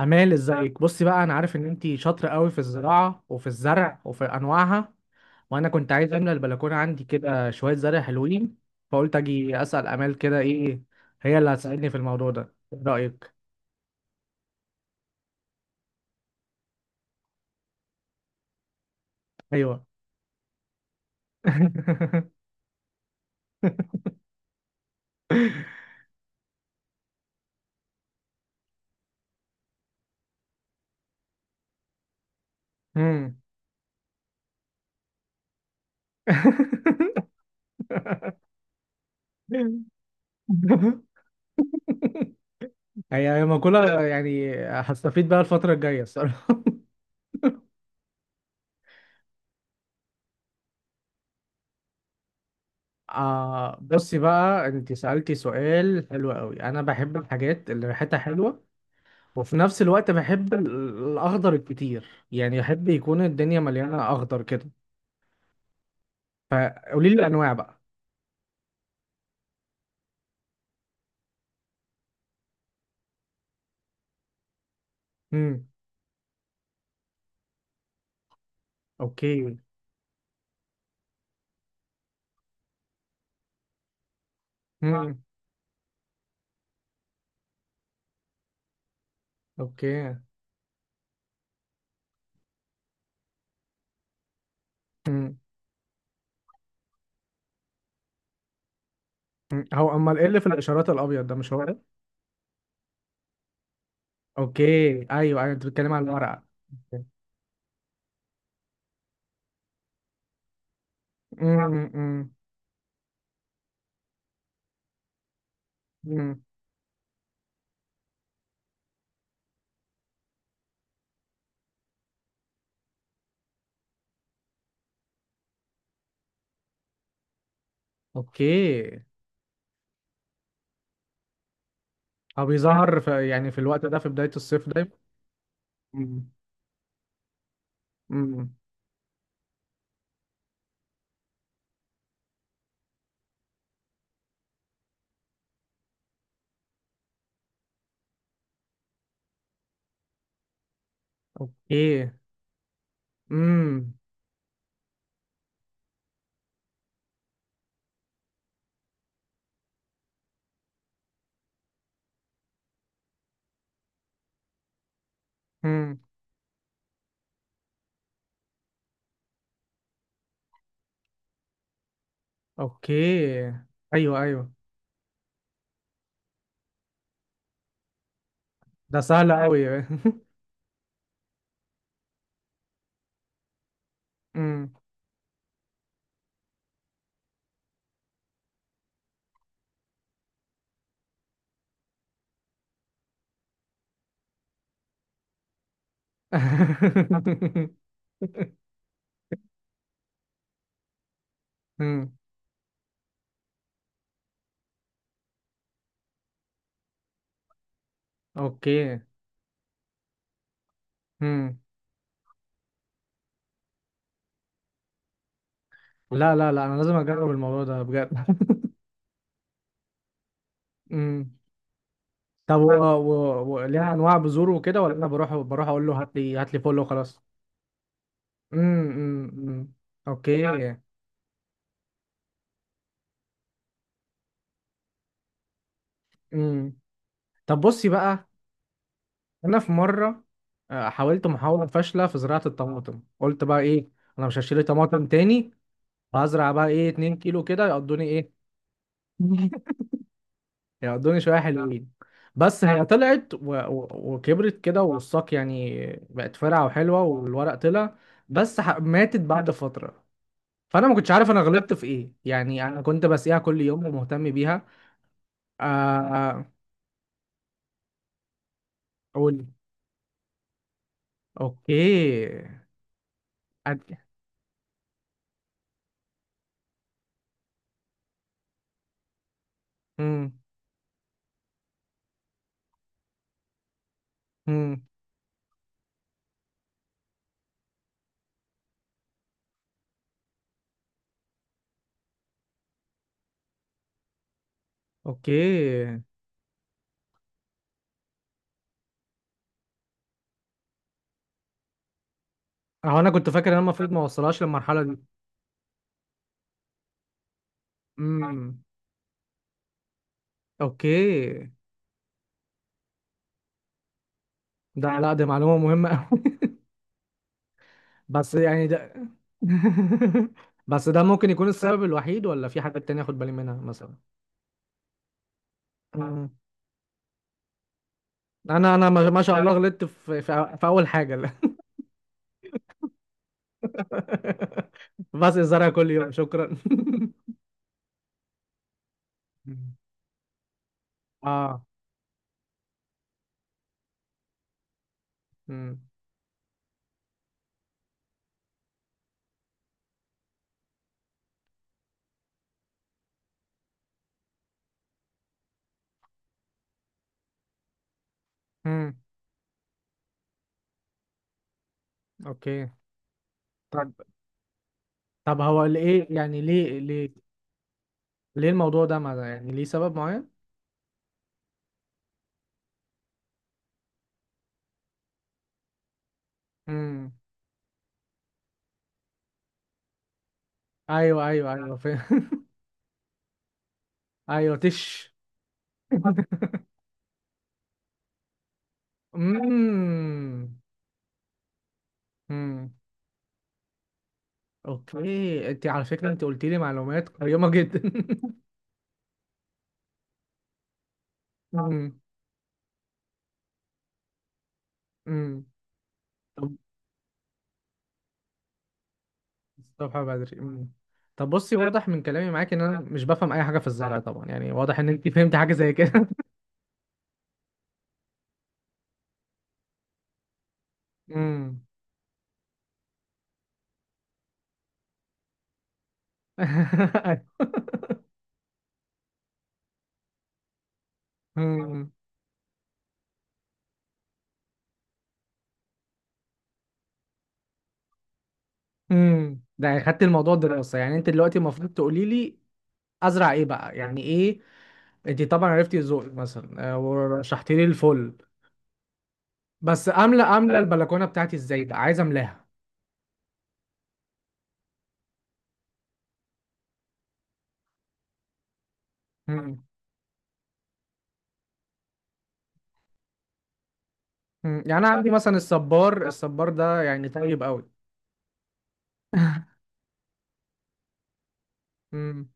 امال ازيك؟ بصي بقى، انا عارف ان انتي شاطره قوي في الزراعه وفي الزرع وفي انواعها، وانا كنت عايز املى البلكونه عندي كده شويه زرع حلوين. فقلت اجي اسال امال كده، ايه؟ هي اللي هتساعدني في الموضوع ده. ايه رايك؟ ايوه. مم. هي مقولة، يعني هستفيد بقى الفترة الجاية الصراحة. آه، بصي بقى، انت سألتي سؤال حلو قوي. انا بحب الحاجات اللي ريحتها حلوة، وفي نفس الوقت بحب الاخضر الكتير، يعني احب يكون الدنيا مليانه اخضر كده. فقولي لي الانواع بقى. امم. اوكي. امم. اوكي. امم. هو امال ايه اللي في الاشارات الابيض ده؟ مش هو ده؟ اوكي، ايوه ايوه، انت بتتكلم على الورقه. امم. امم. اوكي. هو بيظهر في، يعني في الوقت ده في بدايه الصيف دايما؟ امم. امم. اوكي. امم. امم. اوكي. ايوه ايوه. ده سهل قوي. مم. اوكي. مم. لا لا لا، انا لازم اجرب الموضوع ده بجد. مم. طب، ليها انواع بذور وكده، ولا انا بروح اقول له هات لي فل وخلاص؟ مم. مم. مم. اوكي. مم. طب بصي بقى، انا في مره حاولت محاوله فاشله في زراعه الطماطم. قلت بقى ايه، انا مش هشتري طماطم تاني، وهزرع بقى ايه، 2 كيلو كده يقضوني، ايه؟ يقعدوني شوية حلوين. بس هي طلعت وكبرت كده، والساق يعني بقت فرعة وحلوة، والورق طلع، بس ماتت بعد فترة. فأنا ما كنتش عارف أنا غلطت في إيه. يعني أنا كنت بسقيها كل يوم ومهتم بيها. آه... أقول. أوكي. أد... مم. مم. أوكي. أهو أنا كنت فاكر إن أنا المفروض ما أوصلهاش للمرحلة دي. مم. أوكي. ده، لا دي معلومة مهمة أوي. بس يعني ده. بس ده ممكن يكون السبب الوحيد، ولا في حاجات تانية اخد بالي منها مثلا؟ مم. انا ما شاء الله غلطت في اول حاجة لا. بس الزرع كل يوم، شكرا. مم. اه. امم. امم. اوكي. طب، طب هو ليه، يعني ليه الموضوع ده؟ ما يعني ليه سبب معين؟ امم. ايوه ايوه ايوه، فاهم. ايوه، تش. امم. اوكي، انت على فكره انت قلت لي معلومات قيمه جدا. امم. امم. طب، الصبح بدري. امم. طب بصي، واضح من كلامي معاك ان انا مش بفهم اي حاجه في الزرع طبعا، يعني واضح ان انت فهمت حاجه زي كده. امم. أيوة. امم. امم. ده يعني خدت الموضوع دراسه. يعني انت دلوقتي المفروض تقولي لي ازرع ايه بقى، يعني ايه؟ انت طبعا عرفتي ذوقي مثلا، ورشحتي لي الفل. بس املى البلكونه بتاعتي ازاي؟ بقى عايز املاها. مم. يعني انا عندي مثلا الصبار، الصبار ده يعني طيب قوي. مم.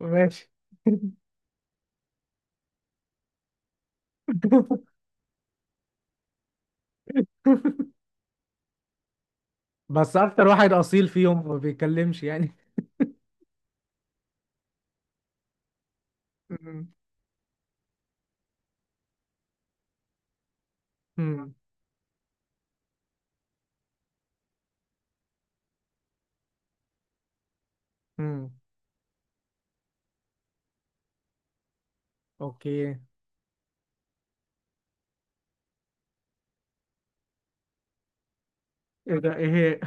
ماشي. بس اكتر واحد اصيل فيهم، ما بيتكلمش يعني. مم. مم. مم. اوكي. ايه ده؟ ايه هي؟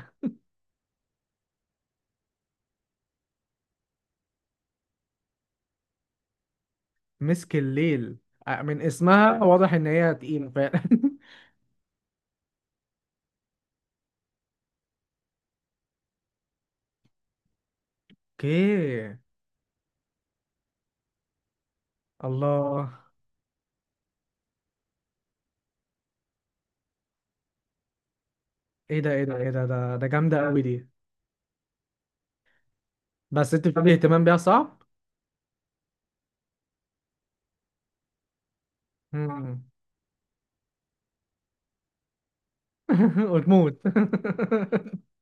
مسك الليل. آه، من اسمها واضح ان هي تقيلة فعلا. اوكي. الله. ايه ده ايه ده ايه ده، ده ده جامدة قوي دي. بس انت بتقولي اهتمام بيها صعب. مم. وتموت.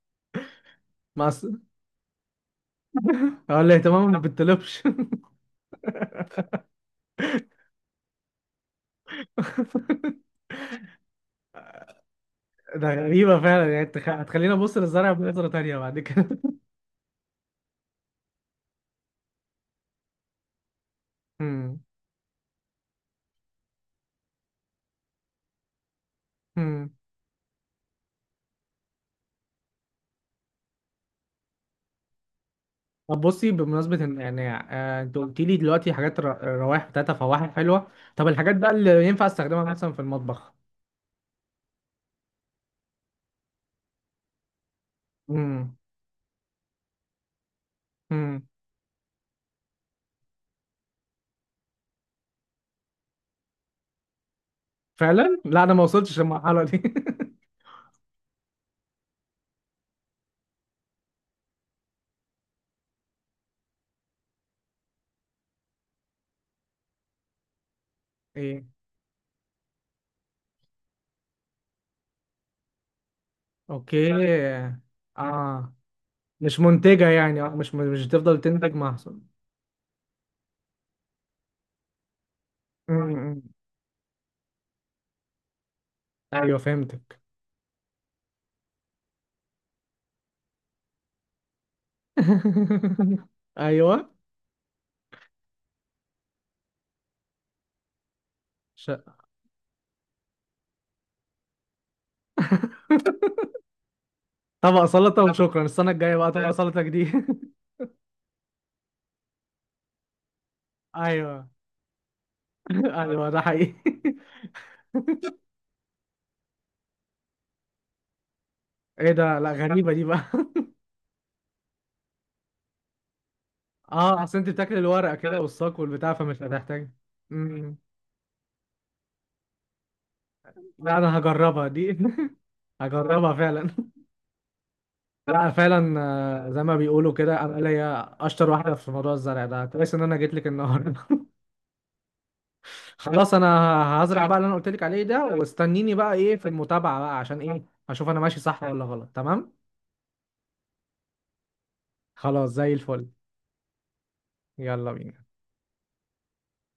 بس هو الاهتمام ما بتطلبش. ده غريبة فعلا. يعني انت هتخليني ابص للزرع بنظرة تانية بعد كده. مم. مم. طب بصي، بمناسبة يعني، انت قلت لي دلوقتي حاجات روائح بتاعتها فواحح حلوة. طب الحاجات بقى اللي ينفع استخدمها مثلا في المطبخ؟ مم. مم. فعلا، لا انا ما وصلتش للمرحلة دي. ايه. اوكي. اه. مش منتجة يعني. اه، مش مش بتفضل تنتج محصول. مم. ايوه، فهمتك. ايوه. ش- طبق سلطة وشكرا. السنة الجاية بقى طبق سلطة جديد. ايوه. ايوه ده حقيقي. ايه ده؟ لا غريبه دي بقى. اه، اصل انت بتاكل الورقه كده والساق والبتاع، فمش هتحتاج. امم. لا انا هجربها دي. هجربها فعلا. لا فعلا. آه، زي ما بيقولوا كده، انا ليا اشطر واحده في موضوع الزرع ده. كويس ان انا جيت لك النهارده. خلاص انا هزرع بقى اللي انا قلت لك عليه ده، واستنيني بقى، ايه، في المتابعه بقى، عشان ايه، اشوف انا ماشي صح ولا غلط. تمام؟ خلاص، زي الفل. يلا بينا.